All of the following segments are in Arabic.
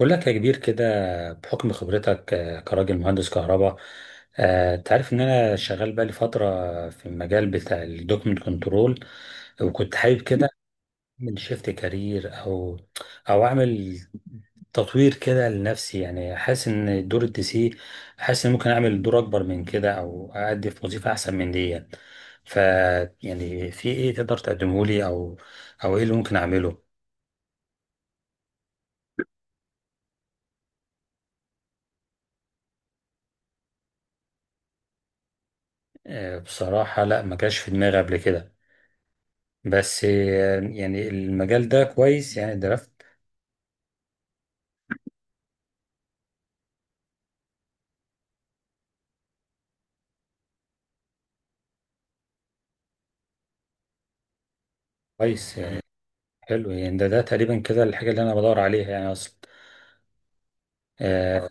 بقول لك يا كبير كده، بحكم خبرتك كراجل مهندس كهرباء. انت عارف ان انا شغال بقالي فتره في المجال بتاع الدوكمنت كنترول، وكنت حابب كده اعمل شيفت كارير، او اعمل تطوير كده لنفسي. يعني حاسس ان دور الدي سي، حاسس ان ممكن اعمل دور اكبر من كده، او اادي في وظيفه احسن من دي. ف يعني في ايه تقدر تقدمه لي، او ايه اللي ممكن اعمله؟ بصراحه لا، ما جاش في دماغي قبل كده. بس يعني المجال ده كويس، يعني درافت. كويس يعني، حلو يعني. ده تقريبا كده الحاجة اللي أنا بدور عليها يعني أصلا. آه.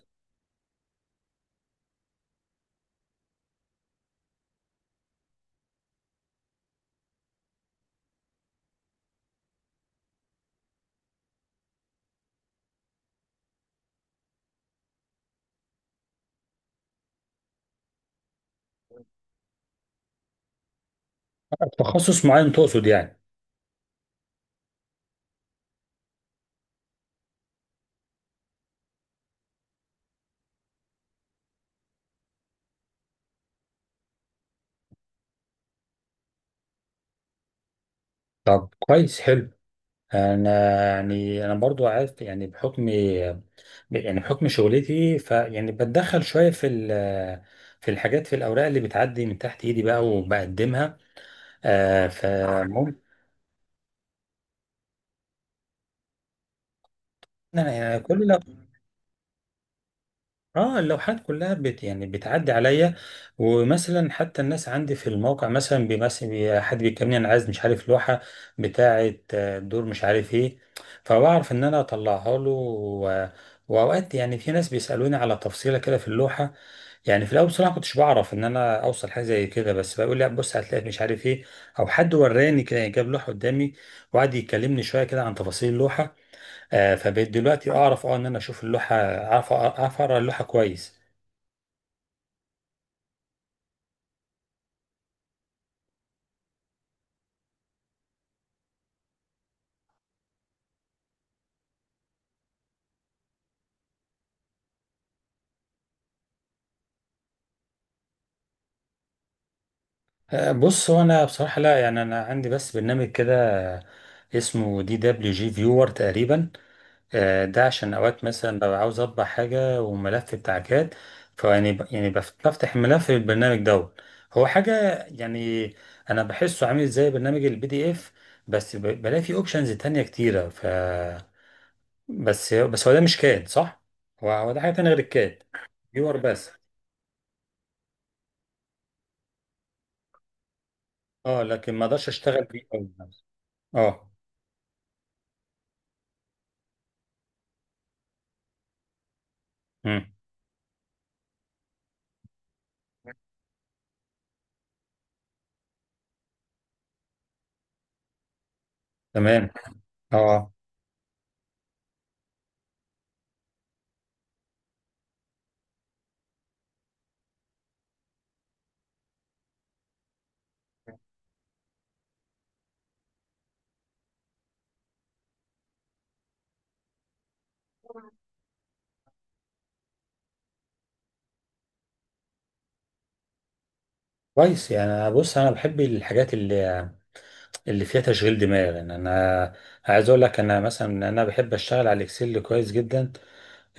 تخصص معين تقصد يعني؟ طب كويس، حلو. أنا، يعني أنا برضو عارف يعني، بحكم شغلتي، فيعني بتدخل شوية في الحاجات في الأوراق اللي بتعدي من تحت إيدي بقى وبقدمها. فممكن. يعني كل، اه، اللوحات كلها بت يعني بتعدي عليا. ومثلا حتى الناس عندي في الموقع مثلا، حد بيكلمني انا عايز، مش عارف، لوحه بتاعه، دور مش عارف ايه، فبعرف ان انا اطلعها له و- واوقات يعني في ناس بيسالوني على تفصيله كده في اللوحه. يعني في الاول بصراحه كنتش بعرف ان انا اوصل حاجه زي كده، بس بقول لا بص هتلاقي مش عارف ايه، او حد وراني كده يعني جاب لوحه قدامي وقعد يكلمني شويه كده عن تفاصيل اللوحه. فبقيت دلوقتي اعرف، اه، ان انا اشوف اللوحه، اعرف اقرا اللوحه كويس. بص، هو انا بصراحه لا، يعني انا عندي بس برنامج كده اسمه دي دبليو جي فيور تقريبا. ده عشان اوقات مثلا ببقى عاوز اطبع حاجه وملف بتاع كاد، فيعني ب- يعني بف- بفتح الملف في البرنامج دوت. هو حاجه يعني، انا بحسه عامل زي برنامج البي دي اف، بس بلاقي فيه اوبشنز تانية كتيره. ف بس بس هو ده مش كاد صح؟ هو ده حاجه تانية غير الكاد. فيور بس. اه، لكن ما اقدرش اشتغل بيه أوي. اه. امم تمام. اه. كويس يعني، بص انا بحب الحاجات اللي فيها تشغيل دماغ، يعني انا عايز اقول لك، انا مثلا انا بحب اشتغل على الاكسل كويس جدا.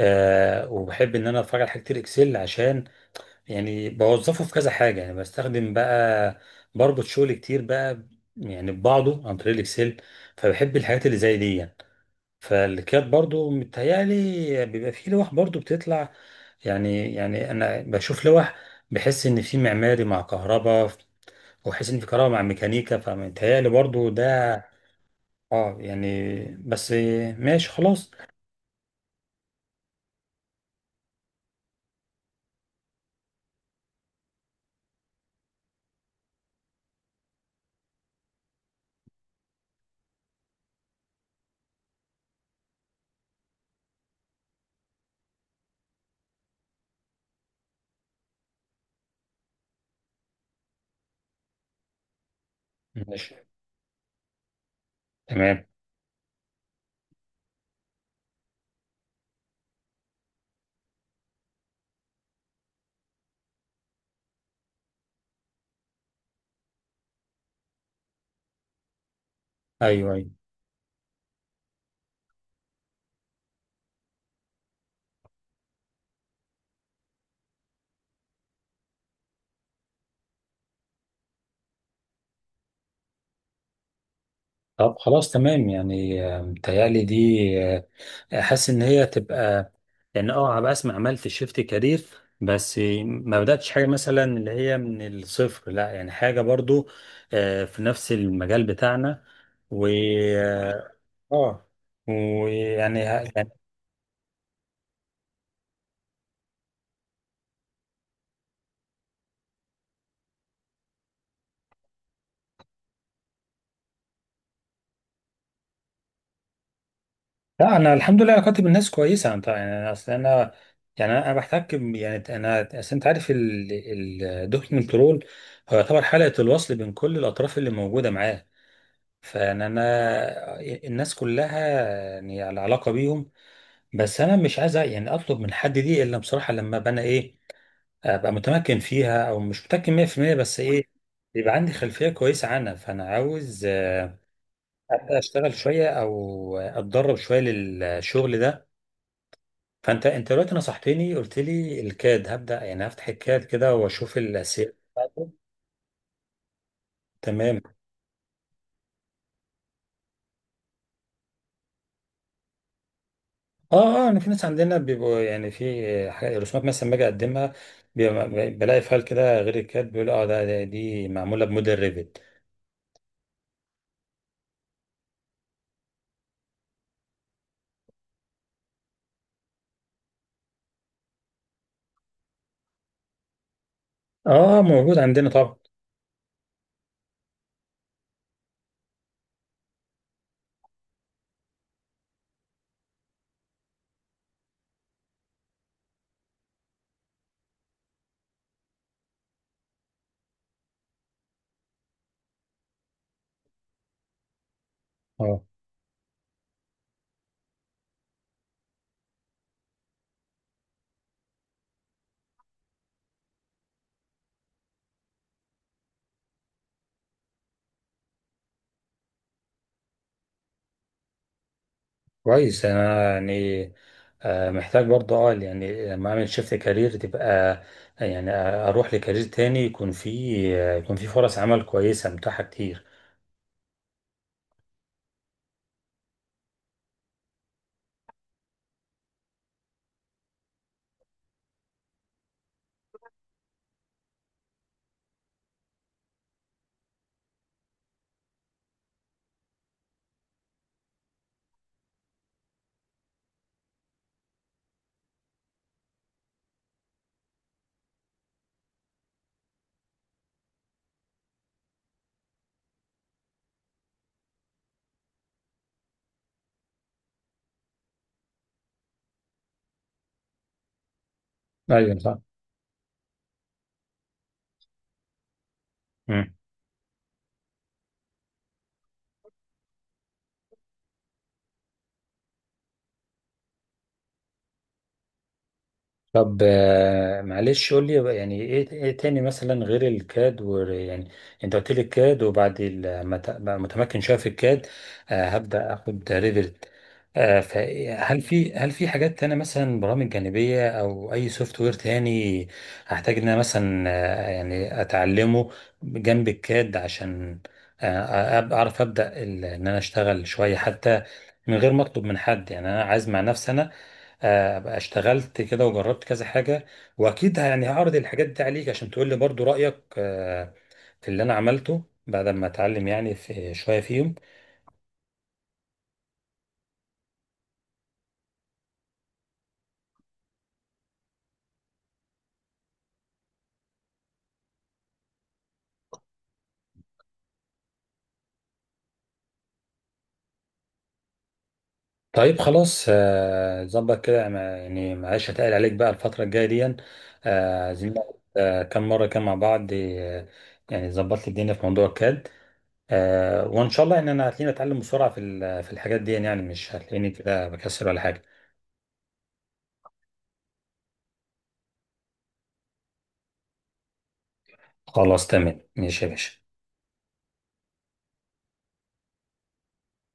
آه، وبحب ان انا اتفرج على حاجات كتير اكسل، عشان يعني بوظفه في كذا حاجه، يعني بستخدم بقى، بربط شغل كتير بقى يعني ببعضه عن طريق الاكسل، فبحب الحاجات اللي زي دي. فالكيات برضو متهيألي بيبقى فيه لوح برضو بتطلع يعني انا بشوف لوح، بحس ان في معماري مع كهرباء، وحس ان في كهرباء مع ميكانيكا، فمتهيألي برضو ده. اه يعني، بس ماشي خلاص. ماشي. تمام. ايوه ايوه. طب خلاص تمام يعني، متهيألي دي، حاسس ان هي تبقى، لان، اه بقى اسمع، عملت شيفت كارير، بس ما بداتش حاجه مثلا اللي هي من الصفر، لا يعني حاجه برضو في نفس المجال بتاعنا. و، اه، ويعني يعني. لا، انا الحمد لله كاتب، الناس كويسه. انت يعني، اصل انا يعني انا اصل، انت عارف الدوكيومنت رول هو يعتبر حلقه الوصل بين كل الاطراف اللي موجوده معاه، فانا الناس كلها يعني على علاقه بيهم. بس انا مش عايز يعني اطلب من حد دي الا بصراحه لما ابقى انا ايه، ابقى متمكن فيها، او مش متمكن 100% بس ايه، يبقى عندي خلفيه كويسه عنها. فانا عاوز اشتغل شويه او اتدرب شويه للشغل ده. فانت دلوقتي نصحتني، قلت لي الكاد، هبدا يعني هفتح الكاد كده واشوف السير بتاعته. تمام. اه اه، انا في ناس عندنا بيبقوا يعني في حاجات رسومات مثلا باجي اقدمها، بلاقي فايل كده غير الكاتب، بيقول اه دي معموله بموديل ريفت. اه، موجود عندنا طبعا. اه كويس، انا يعني آه محتاج برضه، اه يعني لما اعمل شيفت كارير تبقى، اروح لكارير تاني يكون فيه، يكون فيه فرص عمل كويسه متاحه كتير. ايوه صح. طب معلش قول لي بقى، يعني ايه تاني مثلا غير الكاد، و يعني انت قلت لي الكاد، وبعد ما بقى متمكن شويه في الكاد، هبدا اخد ريفرت. فهل في هل في حاجات تانية مثلا، برامج جانبيه او اي سوفت وير تاني هحتاج ان انا مثلا اتعلمه جنب الكاد، عشان اعرف ابدا ان انا اشتغل شويه حتى من غير ما اطلب من حد. يعني انا عايز مع نفسي انا بقى اشتغلت كده وجربت كذا حاجة، واكيد يعني هعرض الحاجات دي عليك عشان تقول لي برضو رأيك في اللي انا عملته بعد ما اتعلم، يعني في شوية فيهم. طيب خلاص، ظبط كده، يعني معلش، هتقل عليك بقى الفترة الجاية دي. عايزين نقعد، كم مرة كده مع بعض. يعني ظبط لي الدنيا في موضوع الكاد، وان شاء الله ان انا هتلاقيني اتعلم بسرعة في الحاجات دي، يعني مش هتلاقيني كده بكسل ولا حاجة. خلاص تمام ماشي يا باشا.